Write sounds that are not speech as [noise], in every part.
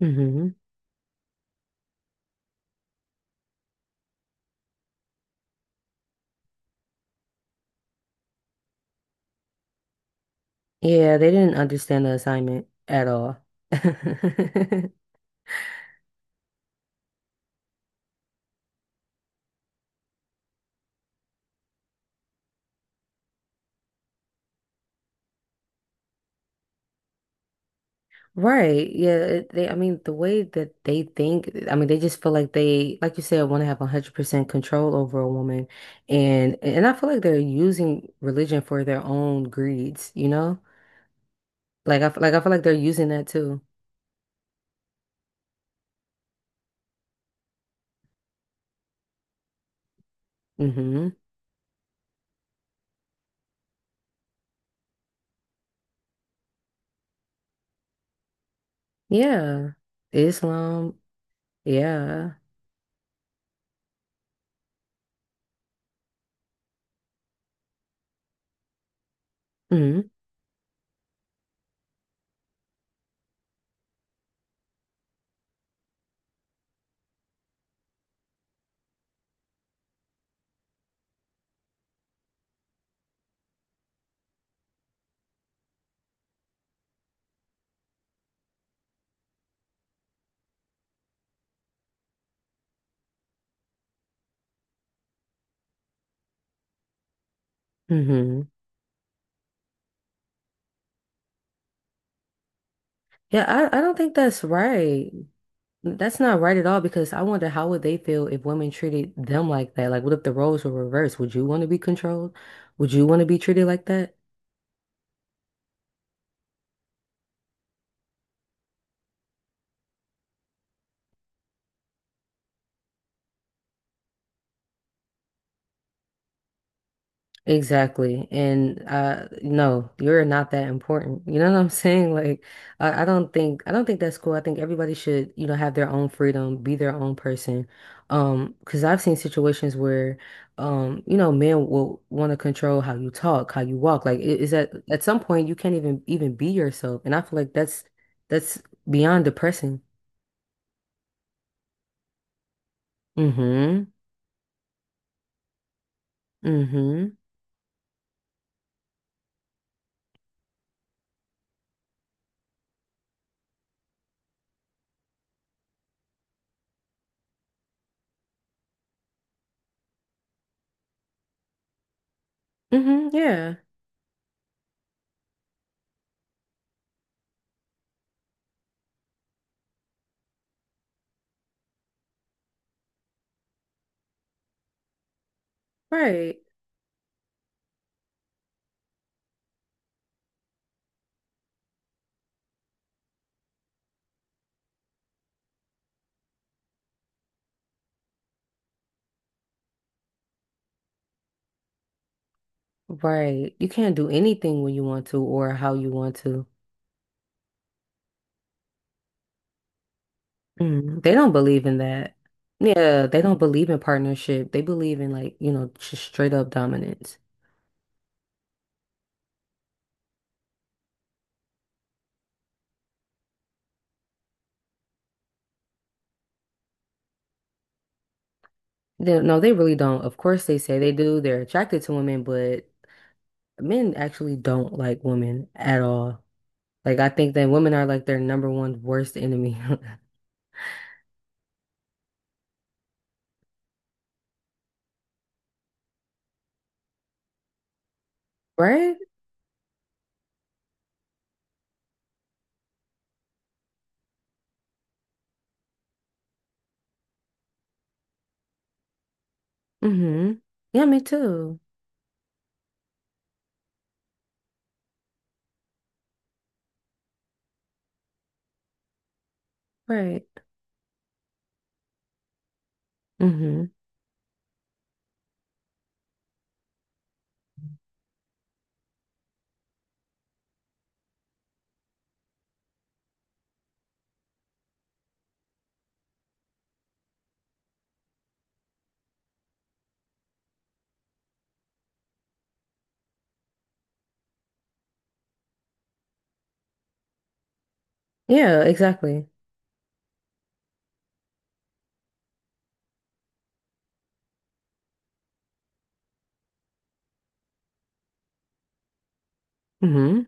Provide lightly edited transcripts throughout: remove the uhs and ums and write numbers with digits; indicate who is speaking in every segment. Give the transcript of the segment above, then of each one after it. Speaker 1: Hmm. Yeah, they didn't understand the assignment at all. [laughs] Right. Yeah, it- they I mean the way that they think, they just feel like they like you said, want to have 100% control over a woman, and I feel like they're using religion for their own greeds, you know? Like I feel like they're using that too. Mhm. Yeah. Islam. Yeah. Mhm. Mhm. Yeah, I don't think that's right. That's not right at all, because I wonder, how would they feel if women treated them like that? Like, what if the roles were reversed? Would you want to be controlled? Would you want to be treated like that? Exactly. And no, you're not that important. You know what I'm [laughs] saying? Like I don't think, I don't think that's cool. I think everybody should, you know, have their own freedom, be their own person. Because I've seen situations where you know, men will want to control how you talk, how you walk. Like it is that at some point you can't even be yourself. And I feel like that's beyond depressing. Mm-hmm. Mm-hmm. Mm-hmm. Yeah. Right. Right. You can't do anything when you want to or how you want to. Mm, they don't believe in that. Yeah, they don't believe in partnership. They believe in, like, you know, just straight up dominance. No, they really don't. Of course they say they do. They're attracted to women, but men actually don't like women at all. Like, I think that women are like their number one worst enemy. [laughs] Right? Mm-hmm. Yeah, me too. Right. Mm-hmm. Yeah, exactly. Mm-hmm.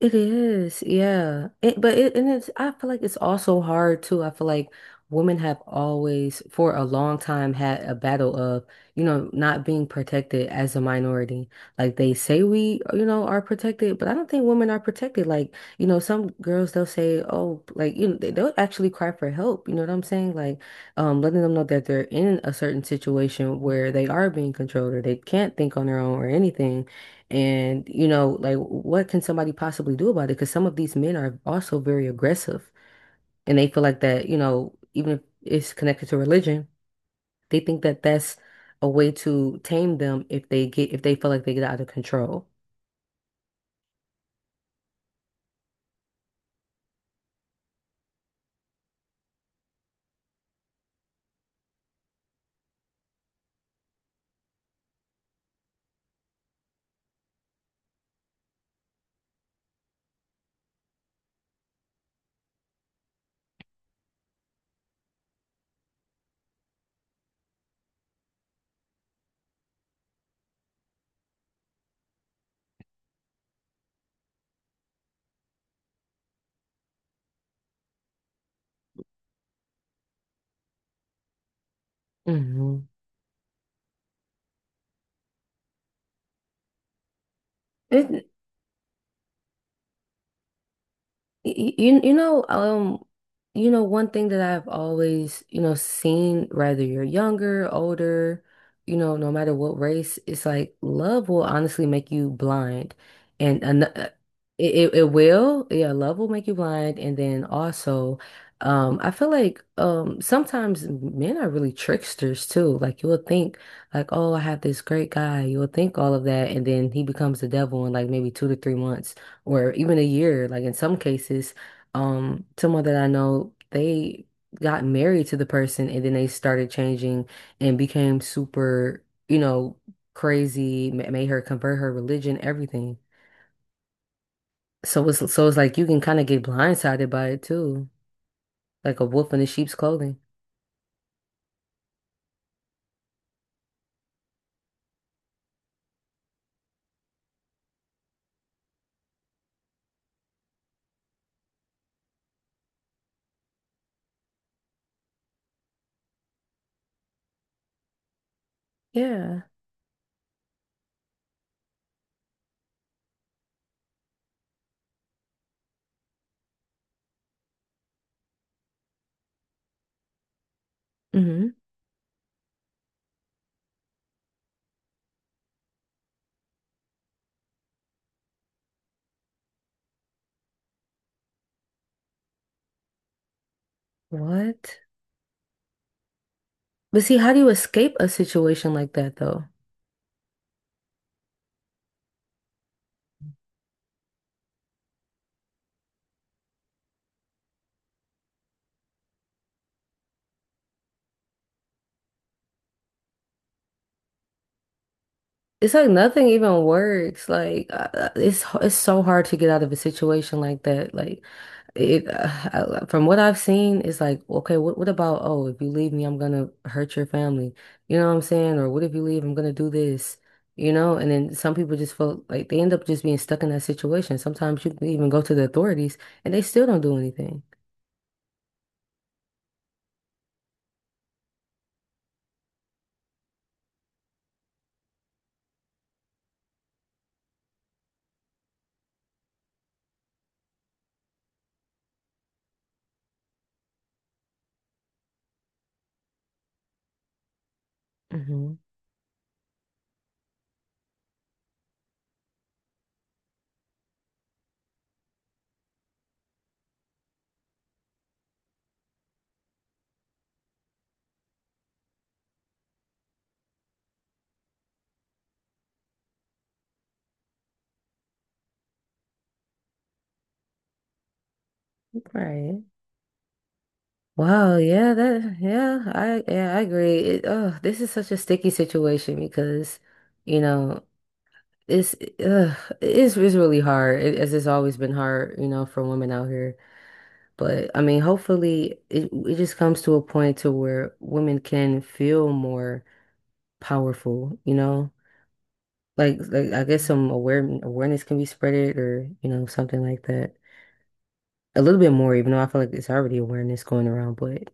Speaker 1: It is, yeah. It, but it, and it's, I feel like it's also hard too. I feel like women have always, for a long time, had a battle of, you know, not being protected as a minority. Like, they say we, you know, are protected, but I don't think women are protected. Like, you know, some girls, they'll say, oh, like, you know, they'll actually cry for help. You know what I'm saying? Like, letting them know that they're in a certain situation where they are being controlled or they can't think on their own or anything. And, you know, like, what can somebody possibly do about it? Because some of these men are also very aggressive, and they feel like that, you know, even if it's connected to religion, they think that that's a way to tame them if they get, if they feel like they get out of control. Mhm. You know, you know, one thing that I've always, you know, seen, whether you're younger, older, you know, no matter what race, it's like love will honestly make you blind. And an it will, yeah, love will make you blind. And then also, I feel like sometimes men are really tricksters too. Like, you'll think like, oh, I have this great guy. You'll think all of that, and then he becomes the devil in like maybe 2 to 3 months or even a year. Like, in some cases, someone that I know, they got married to the person and then they started changing and became super, you know, crazy, made her convert her religion, everything. So it's like you can kind of get blindsided by it too, like a wolf in a sheep's clothing. Yeah. Hmm. What? But see, how do you escape a situation like that though? It's like nothing even works. Like it's so hard to get out of a situation like that. Like it I- from what I've seen, it's like, okay, what about, oh, if you leave me, I'm gonna hurt your family. You know what I'm saying? Or, what if you leave, I'm gonna do this. You know? And then some people just feel like they end up just being stuck in that situation. Sometimes you can even go to the authorities and they still don't do anything. Hmm. Right. Wow, yeah, that yeah, I agree. Oh, this is such a sticky situation because, you know, it's uh, it's really hard, as it's always been hard, you know, for women out here. But I mean, hopefully it just comes to a point to where women can feel more powerful, you know? Like I guess some awareness can be spreaded, or, you know, something like that, a little bit more, even though I feel like it's already awareness going around. But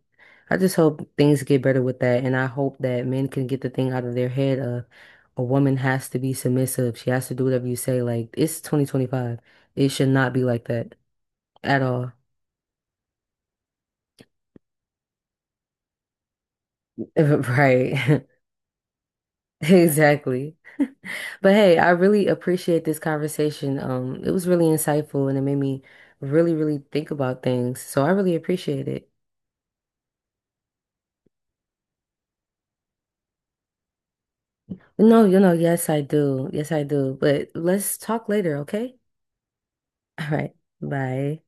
Speaker 1: I just hope things get better with that, and I hope that men can get the thing out of their head of a woman has to be submissive. She has to do whatever you say. Like, it's 2025. It should not be like that at all. [laughs] Right. [laughs] Exactly. But hey, I really appreciate this conversation. It was really insightful and it made me really, really think about things. So I really appreciate it. No, you know, yes, I do. Yes, I do. But let's talk later, okay? All right. Bye.